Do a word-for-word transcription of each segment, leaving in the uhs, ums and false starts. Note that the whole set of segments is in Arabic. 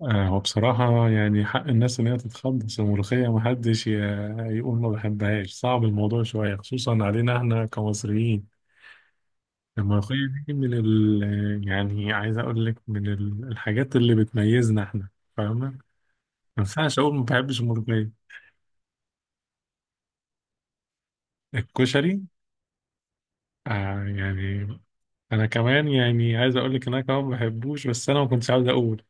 آه، هو بصراحة يعني حق الناس إن هي تتخلص الملوخية، محدش ي- يقول ما بحبهاش. صعب الموضوع شوية، خصوصا علينا إحنا كمصريين، الملوخية دي من ال يعني عايز أقول لك من ال- الحاجات اللي بتميزنا إحنا. فاهمة؟ ما ينفعش أقول ما بحبش الملوخية. الكشري؟ آه يعني، أنا كمان يعني عايز أقول لك إن أنا كمان ما بحبوش، بس أنا ما كنتش عاوز أقول.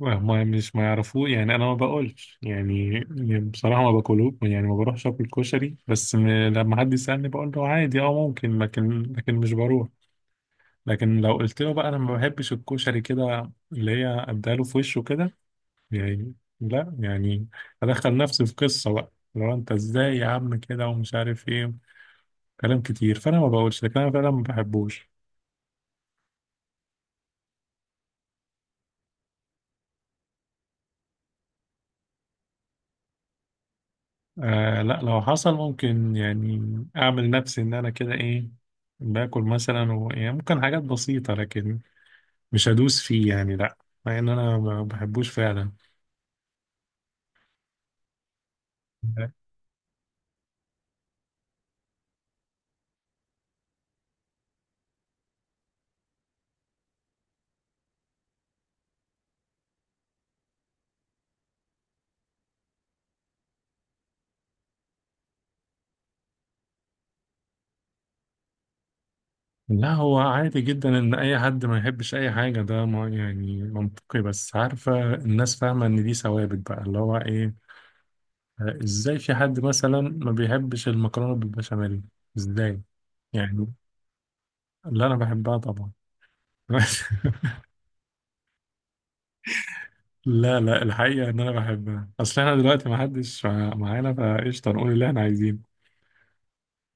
ما مش ما يعرفوه يعني، انا ما باكلش يعني. بصراحه ما باكلوش يعني، ما بروحش اكل كشري، بس م... لما حد يسالني بقول له عادي، اه ممكن، لكن لكن مش بروح. لكن لو قلت له بقى انا ما بحبش الكشري كده، اللي هي اداله في وشه كده يعني، لا يعني ادخل نفسي في قصه بقى، لو انت ازاي يا عم كده ومش عارف ايه، كلام كتير، فانا ما بقولش، لكن انا فعلا ما بحبوش. آه لا، لو حصل ممكن يعني اعمل نفسي ان انا كده ايه، باكل مثلا و... يعني ممكن حاجات بسيطة، لكن مش هدوس فيه يعني، لا. مع ان انا ما بحبوش فعلا. لا هو عادي جدا ان اي حد ما يحبش اي حاجة، ده ما يعني منطقي. بس عارفة الناس فاهمة ان دي ثوابت بقى، اللي هو ايه، آه، ازاي في حد مثلا ما بيحبش المكرونة بالبشاميل؟ ازاي يعني؟ اللي انا بحبها طبعا. لا لا، الحقيقة إن أنا بحبها، أصل إحنا دلوقتي محدش مع- معانا، فقشطة نقول اللي إحنا عايزينه.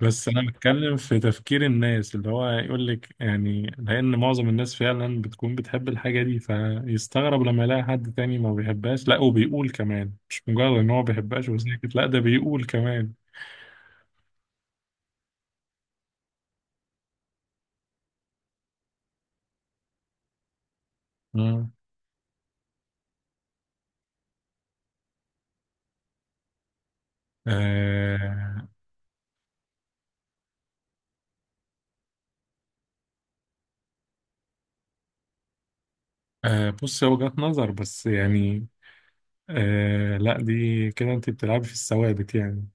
بس أنا بتكلم في تفكير الناس، اللي هو يقول لك يعني لأن معظم الناس فعلا بتكون بتحب الحاجة دي، فيستغرب لما يلاقي حد تاني ما بيحبهاش. لا وبيقول كمان، مش مجرد إن هو ما بيحبهاش وساكت، لا ده بيقول كمان. مم. آه. آه بص، هي وجهة نظر بس يعني، آه لا، دي كده أنت بتلعبي في الثوابت يعني.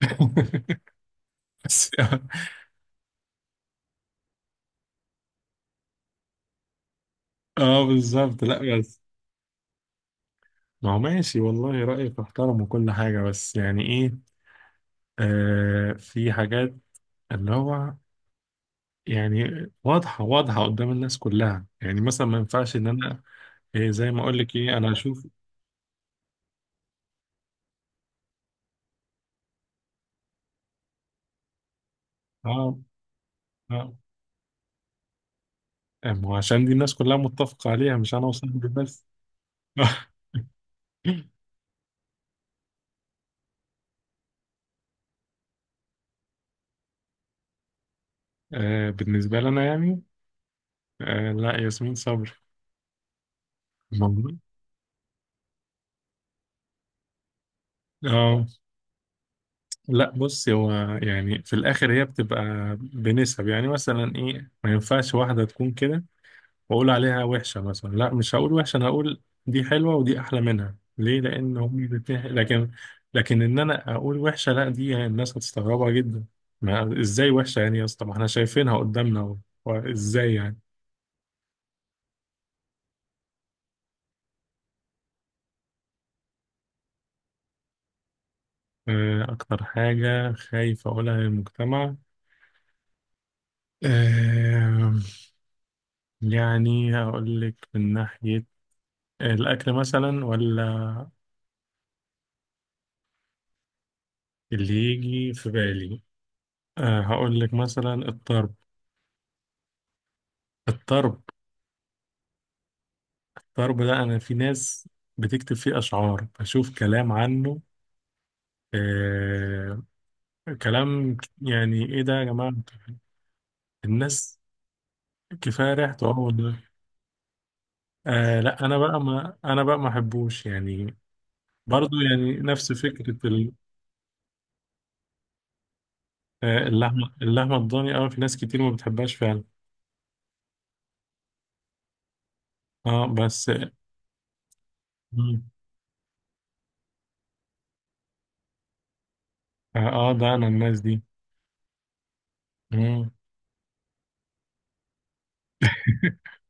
اه بالظبط، لا بس ما هو ماشي، والله رأيك احترم وكل حاجة، بس يعني ايه، آه في حاجات اللي هو يعني واضحة واضحة قدام الناس كلها، يعني مثلا ما ينفعش ان انا إيه، زي ما اقول لك ايه، انا اشوف. اه. اه. آه، ما هو عشان دي الناس كلها متفقة عليها، مش انا وصاحبي بس. آه بالنسبة لنا يعني، آه لا، ياسمين صبري. موجود. اه لا بص، هو يعني في الاخر هي بتبقى بنسب يعني، مثلا ايه، ما ينفعش واحده تكون كده واقول عليها وحشه مثلا. لا مش هقول وحشه، انا هقول دي حلوه ودي احلى منها. ليه؟ لان هم الاثنين، لكن لكن ان انا اقول وحشه، لا دي يعني الناس هتستغربها جدا. ما ازاي وحشه يعني، يا اسطى ما احنا شايفينها قدامنا و- وازاي يعني. آه، اكتر حاجه خايف اقولها للمجتمع، آه، يعني هقول لك من ناحيه الأكل مثلا، ولا اللي يجي في بالي. أه هقول لك مثلا الطرب. الطرب. الطرب ده أنا في ناس بتكتب فيه أشعار، بشوف كلام عنه. أه. كلام ك- يعني إيه ده يا جماعة. الناس، كفاية ريحته أول ده. أه لا، أنا بقى ما أنا بقى ما أحبوش يعني. برضو يعني نفس فكرة ال- آه، اللحمة اللحمة الضاني أوي في ناس كتير ما بتحبهاش فعلا. اه بس. مم. اه، آه، ده أنا الناس دي. مم.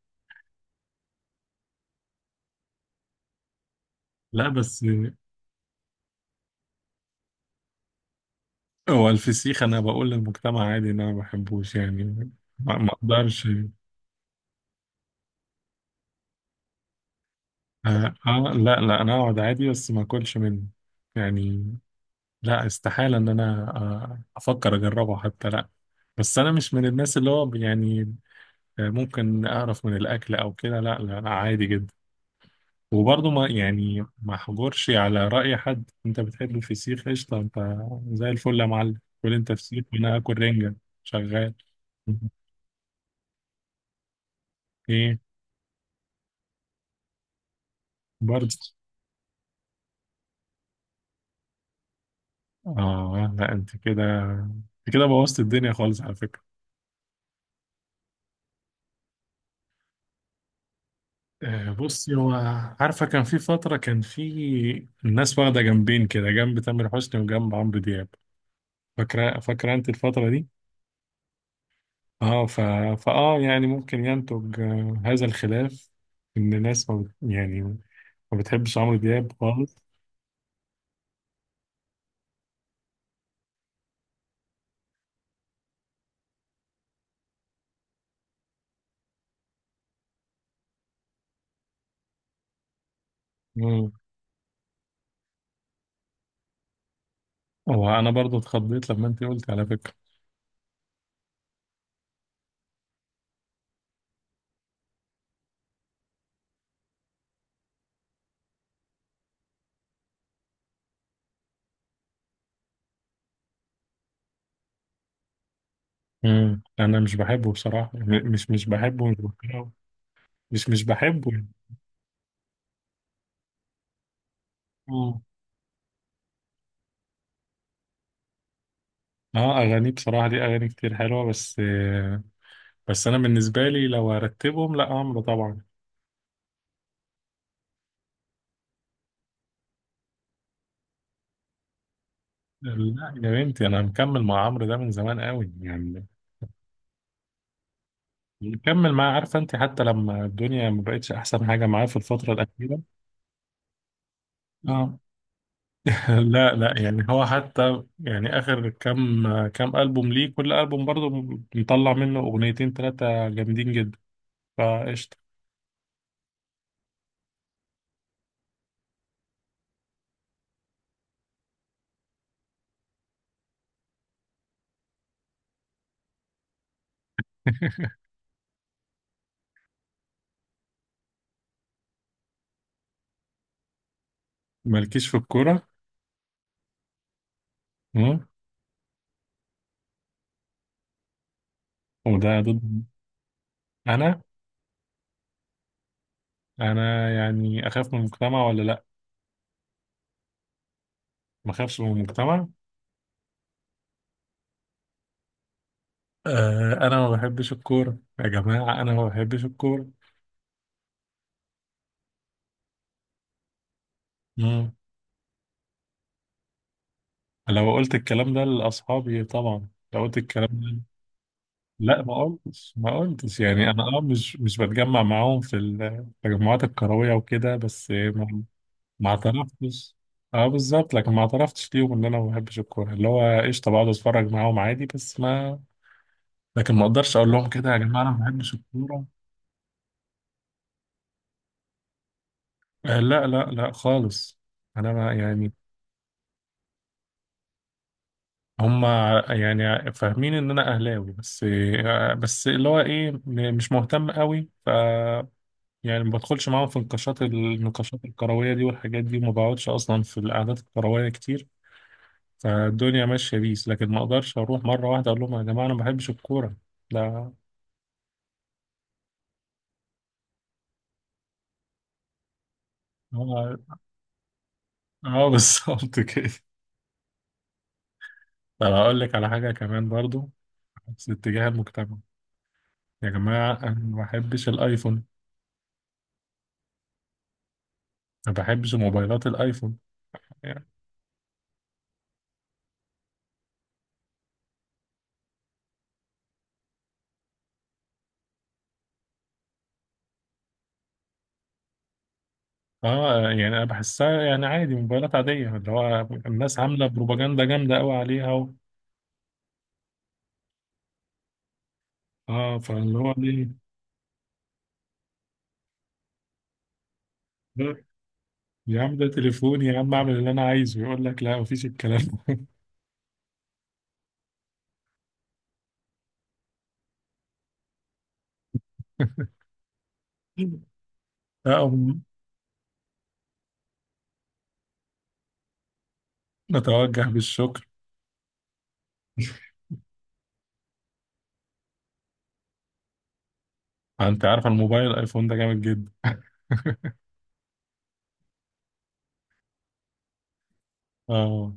لا بس هو الفسيخ، انا بقول للمجتمع عادي ان انا ما بحبوش يعني. ما ما اقدرش. اه آه، لا لا، انا اقعد عادي بس ما اكلش منه يعني. لا استحالة ان انا آه، افكر اجربه حتى، لا. بس انا مش من الناس اللي هو يعني آه، ممكن اقرف من الاكل او كده، لا لا انا عادي جدا. وبرضه ما يعني ما احجرش على رأي حد. انت بتحب الفسيخ قشطة، انت زي الفل يا معلم، كل انت فسيخ وانا اكل رنجة. شغال. ايه. برضه، اه لا انت كده، انت كده بوظت الدنيا خالص على فكرة. آه، بصي هو، عارفة كان في فترة كان في الناس واخدة جنبين كده، جنب تامر حسني وجنب عمرو دياب. فاكرة فاكرة انت الفترة دي؟ اه ف... فاه يعني ممكن ينتج آه، هذا الخلاف، ان الناس ما بت... يعني ما بتحبش عمرو دياب خالص. مم. وانا برضو اتخضيت لما انت قلت على فكرة. مم. انا مش بحبه بصراحة، م- مش مش بحبه مش بكرهه. مش مش بحبه. اه، اغاني بصراحه دي اغاني كتير حلوه، بس بس انا بالنسبه لي لو ارتبهم، لا عمرو طبعا. لا يا بنتي، انا مكمل مع عمرو ده من زمان قوي يعني. مكمل معاه، عارفه انت، حتى لما الدنيا ما بقتش احسن حاجه معاه في الفتره الاخيره. اه. لا لا يعني هو حتى يعني اخر كام، كام البوم ليه، كل البوم برضه مطلع منه اغنيتين ثلاثه جامدين جدا. فقشطه. مالكيش في الكوره. مم. وده ضد. انا، انا يعني اخاف من المجتمع ولا ما خافش من المجتمع؟ آه انا ما بحبش الكوره يا جماعه، انا ما بحبش الكوره. مم. لو قلت الكلام ده لاصحابي طبعا، لو قلت الكلام ده، لا ما قلتش ما قلتش يعني. انا اه مش مش بتجمع معاهم في التجمعات الكرويه وكده، بس ما ما اعترفتش. اه بالظبط، لكن ما اعترفتش ليهم ان انا ما بحبش الكوره، اللي هو قشطه بقعد اتفرج معاهم عادي بس ما. لكن ما اقدرش اقول لهم كده، يا جماعه انا ما بحبش الكوره، آه لا لا لا خالص انا ما يعني هم يعني فاهمين ان انا اهلاوي بس بس اللي هو ايه م- مش مهتم قوي ف يعني ما بدخلش معاهم في النقاشات النقاشات الكرويه دي والحاجات دي وما بقعدش اصلا في القعدات الكرويه كتير فالدنيا ماشيه بيس لكن ما اقدرش اروح مره واحده اقول لهم يا جماعه انا ما بحبش الكوره لا. هو اه بالظبط كده. طب هقول لك على حاجه كمان برضو، في اتجاه المجتمع، يا جماعه انا ما بحبش الايفون. ما بحبش موبايلات الايفون. اه يعني انا بحسها يعني عادي موبايلات عادية، اللي هو الناس عاملة بروباجندا جامدة قوي عليها و... اه فاللي هو ليه. لا، يا عم ده تليفوني، يا عم اعمل اللي انا عايزه، يقول لك لا مفيش الكلام ده. لا، أقوم متوجه بالشكر. انت عارف الموبايل الايفون ده جامد جدا. اه.